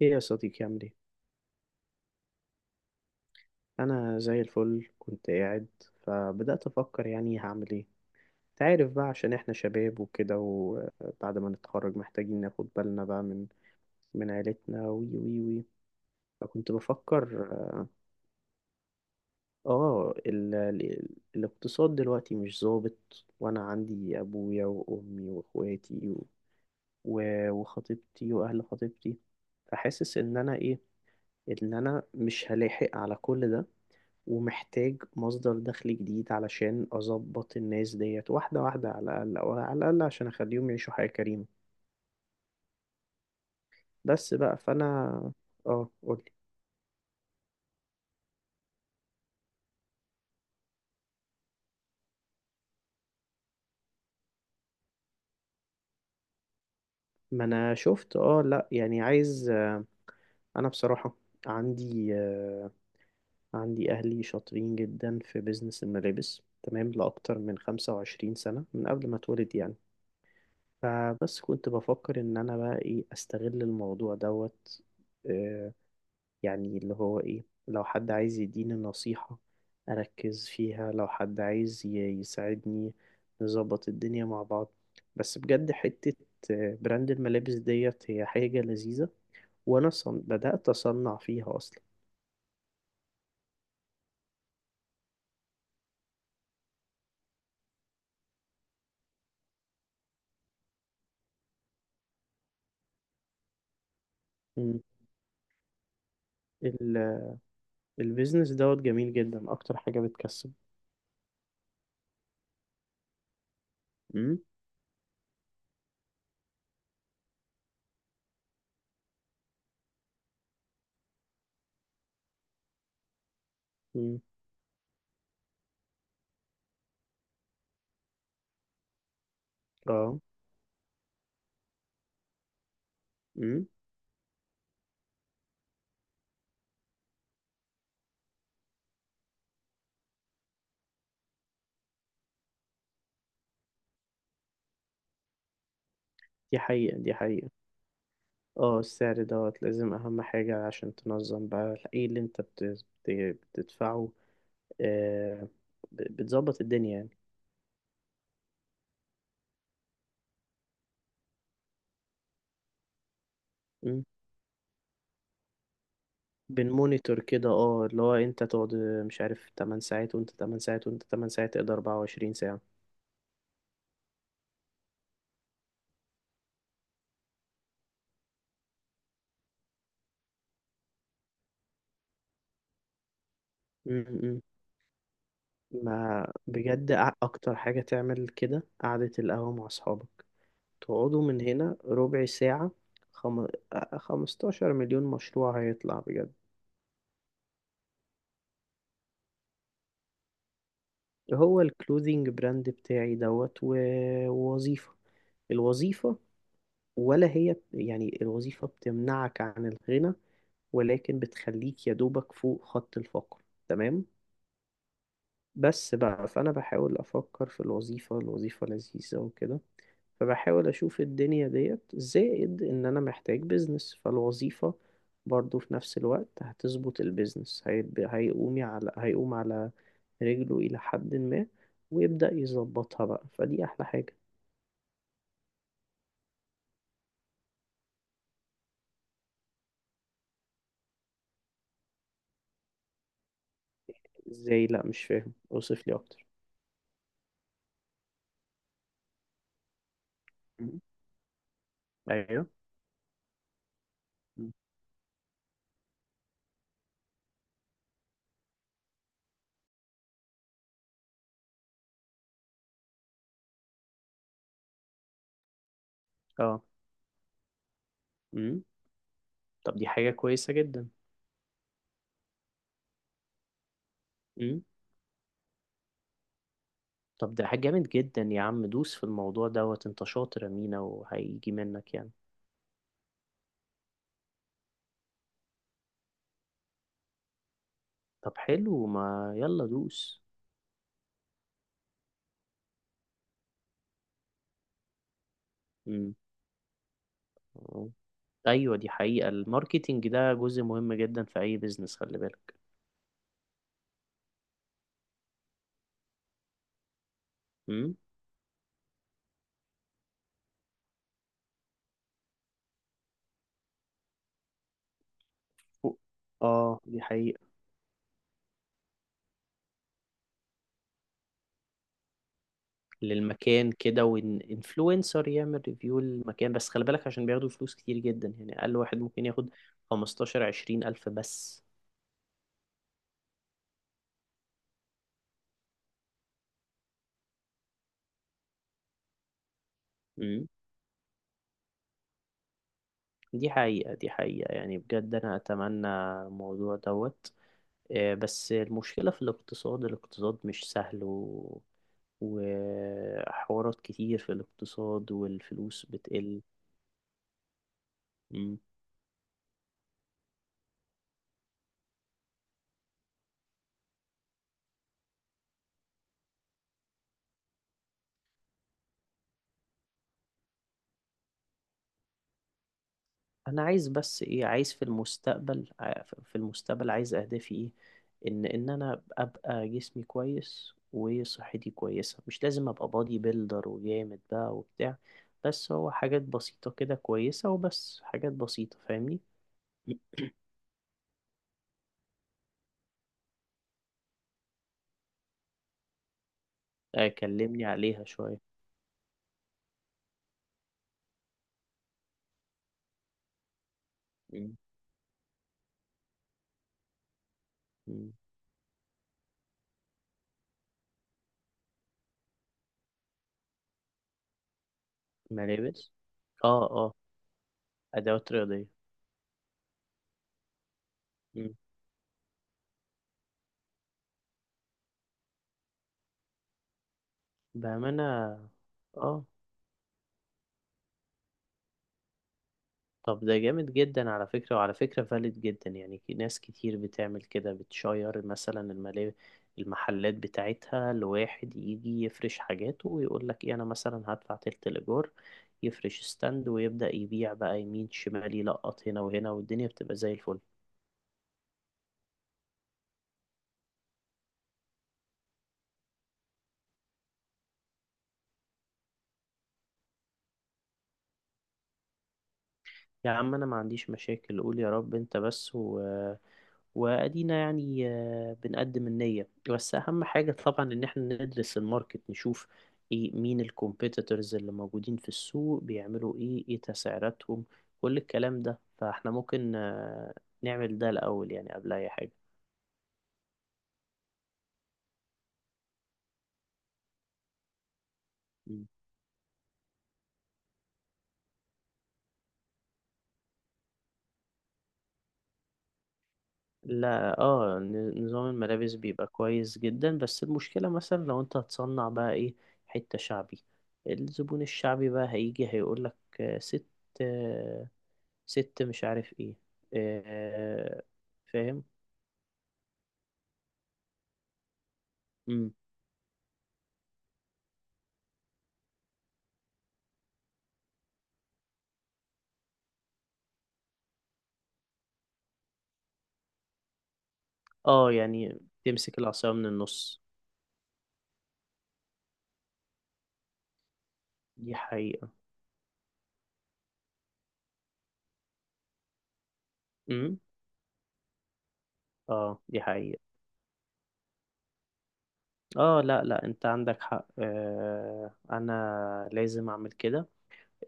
ايه يا صديقي، عامل ايه؟ انا زي الفل. كنت قاعد فبدأت افكر يعني هعمل ايه. تعرف بقى عشان احنا شباب وكده، وبعد ما نتخرج محتاجين ناخد بالنا بقى من عيلتنا، وي وي وي. فكنت بفكر. اه ال... ال... الاقتصاد دلوقتي مش ظابط، وانا عندي ابويا وامي واخواتي وخطيبتي واهل خطيبتي. فحاسس ان انا ايه، ان انا مش هلاحق على كل ده، ومحتاج مصدر دخل جديد علشان أظبط الناس ديت واحدة واحدة، على الأقل، عشان أخليهم يعيشوا حياة كريمة. بس بقى فأنا. اه قولي. ما أنا شفت، لأ يعني عايز، أنا بصراحة، عندي، عندي أهلي شاطرين جدا في بيزنس الملابس، تمام، لأكتر من 25 سنة، من قبل ما اتولد يعني. فبس كنت بفكر إن أنا بقى إيه، أستغل الموضوع دوت. آه، يعني اللي هو ايه، لو حد عايز يديني نصيحة أركز فيها، لو حد عايز يساعدني نظبط الدنيا مع بعض. بس بجد حتة، براند الملابس ديت هي حاجة لذيذة. وأنا بدأت أصنع فيها أصلا. مم. ال... البيزنس دوت جميل جدا، أكتر حاجة بتكسب. مم. مم. اه. مم. دي حقيقة، دي حقيقة. اه، السعر دوت لازم، أهم حاجة عشان تنظم بقى ايه اللي انت بتدفعه. آه، بتظبط الدنيا يعني. مم. بنمونيتور كده، اه، اللي هو انت تقعد، مش عارف، 8 ساعات، وانت 8 ساعات، وانت 8 ساعات، تقدر 24 ساعة. مم، مم. ما بجد اكتر حاجة تعمل كده قعدة القهوة مع اصحابك، تقعدوا من هنا ربع ساعة، خم... آه، 15 مليون مشروع هيطلع بجد. هو الكلوزنج براند بتاعي دوت، ووظيفة. الوظيفة، ولا هي، يعني الوظيفة بتمنعك عن الغنى، ولكن بتخليك يا دوبك فوق خط الفقر. تمام. بس بقى فأنا بحاول أفكر في الوظيفة، لذيذة وكده. فبحاول أشوف الدنيا ديت زائد إن أنا محتاج بيزنس، فالوظيفة برضو في نفس الوقت هتظبط البيزنس، هيقوم على رجله إلى حد ما، ويبدأ يظبطها بقى، فدي أحلى حاجة. إزاي؟ لأ مش فاهم، أوصف لي أكتر. مم. أيوه. مم. اه. امم. طب دي حاجة كويسة جدا. طب ده حاجة جامد جدا يا عم، دوس في الموضوع دوت، انت شاطر يا مينا، وهيجي منك يعني. طب حلو، ما يلا دوس. مم. اه. ايوه دي حقيقة، الماركتينج ده جزء مهم جدا في اي بيزنس، خلي بالك. مم. و- اه دي حقيقة. للمكان كده، وان انفلونسر يعمل ريفيو للمكان، بس خلي بالك عشان بياخدوا فلوس كتير جدا، يعني اقل واحد ممكن ياخد 15 20 الف بس. مم. دي حقيقة، دي حقيقة، يعني بجد انا اتمنى الموضوع دوت. بس المشكلة في الاقتصاد، مش سهل، وحوارات كتير في الاقتصاد، والفلوس بتقل. مم. أنا عايز، بس إيه عايز، في المستقبل عايز أهدافي إيه، إن أنا أبقى جسمي كويس وصحتي كويسة، مش لازم أبقى بادي بيلدر وجامد بقى وبتاع، بس هو حاجات بسيطة كده كويسة، وبس حاجات بسيطة فاهمني. أكلمني عليها شوية. مم. مم. ملابس. اه. آه. أدوات رياضية. مم. بأمانة. اه، طب ده جامد جدا، على فكرة، وعلى فكرة فالid جدا يعني، في ناس كتير بتعمل كده، بتشير مثلا الملاهي، المحلات بتاعتها لواحد يجي يفرش حاجاته، ويقول لك ايه، انا مثلا هدفع تلت الإيجار، يفرش ستاند ويبدأ يبيع بقى يمين شمال، يلقط هنا وهنا، والدنيا بتبقى زي الفل. يا عم انا ما عنديش مشاكل، قول يا رب انت بس، وأدينا يعني. بنقدم النية، بس أهم حاجة طبعا إن احنا ندرس الماركت، نشوف إيه، مين الكومبيتيتورز اللي موجودين في السوق، بيعملوا إيه تسعيراتهم، كل الكلام ده، فاحنا ممكن، نعمل ده الأول يعني، قبل أي حاجة. مم. لا اه، نظام الملابس بيبقى كويس جدا، بس المشكلة مثلا لو انت هتصنع بقى ايه، حتة شعبي، الزبون الشعبي بقى هيجي هيقولك، ست، آه، ست مش عارف ايه. آه. فاهم. امم. اه، يعني تمسك العصاية من النص. دي حقيقة. امم. اه دي حقيقة. اه، لا لا، انت عندك حق، آه، انا لازم اعمل كده.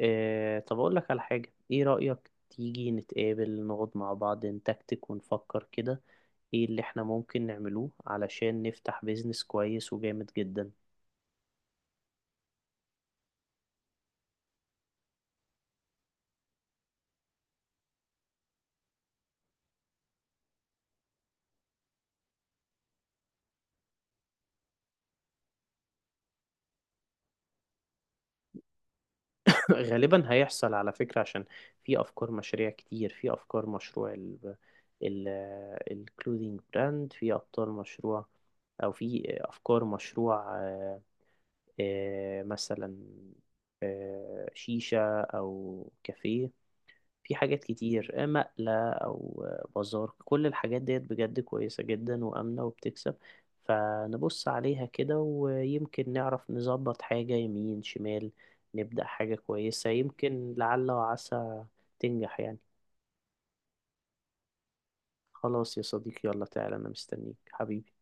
آه، طب اقول لك على حاجة، ايه رأيك تيجي نتقابل، نقعد مع بعض، نتكتك ونفكر كده ايه اللي احنا ممكن نعملوه علشان نفتح بيزنس كويس وجامد جدا. غالبا هيحصل، على فكرة، عشان في أفكار مشاريع كتير، في أفكار مشروع ال ال الكلودينج براند، في أبطال مشروع، أو في أفكار مشروع، مثلا شيشة أو كافيه، في حاجات كتير، مقلة أو بازار، كل الحاجات ديت بجد كويسة جدا وآمنة وبتكسب. فنبص عليها كده، ويمكن نعرف نظبط حاجة يمين شمال، نبدأ حاجة كويسة، يمكن لعل وعسى تنجح يعني. خلاص يا صديقي، يلا تعالى أنا مستنيك حبيبي.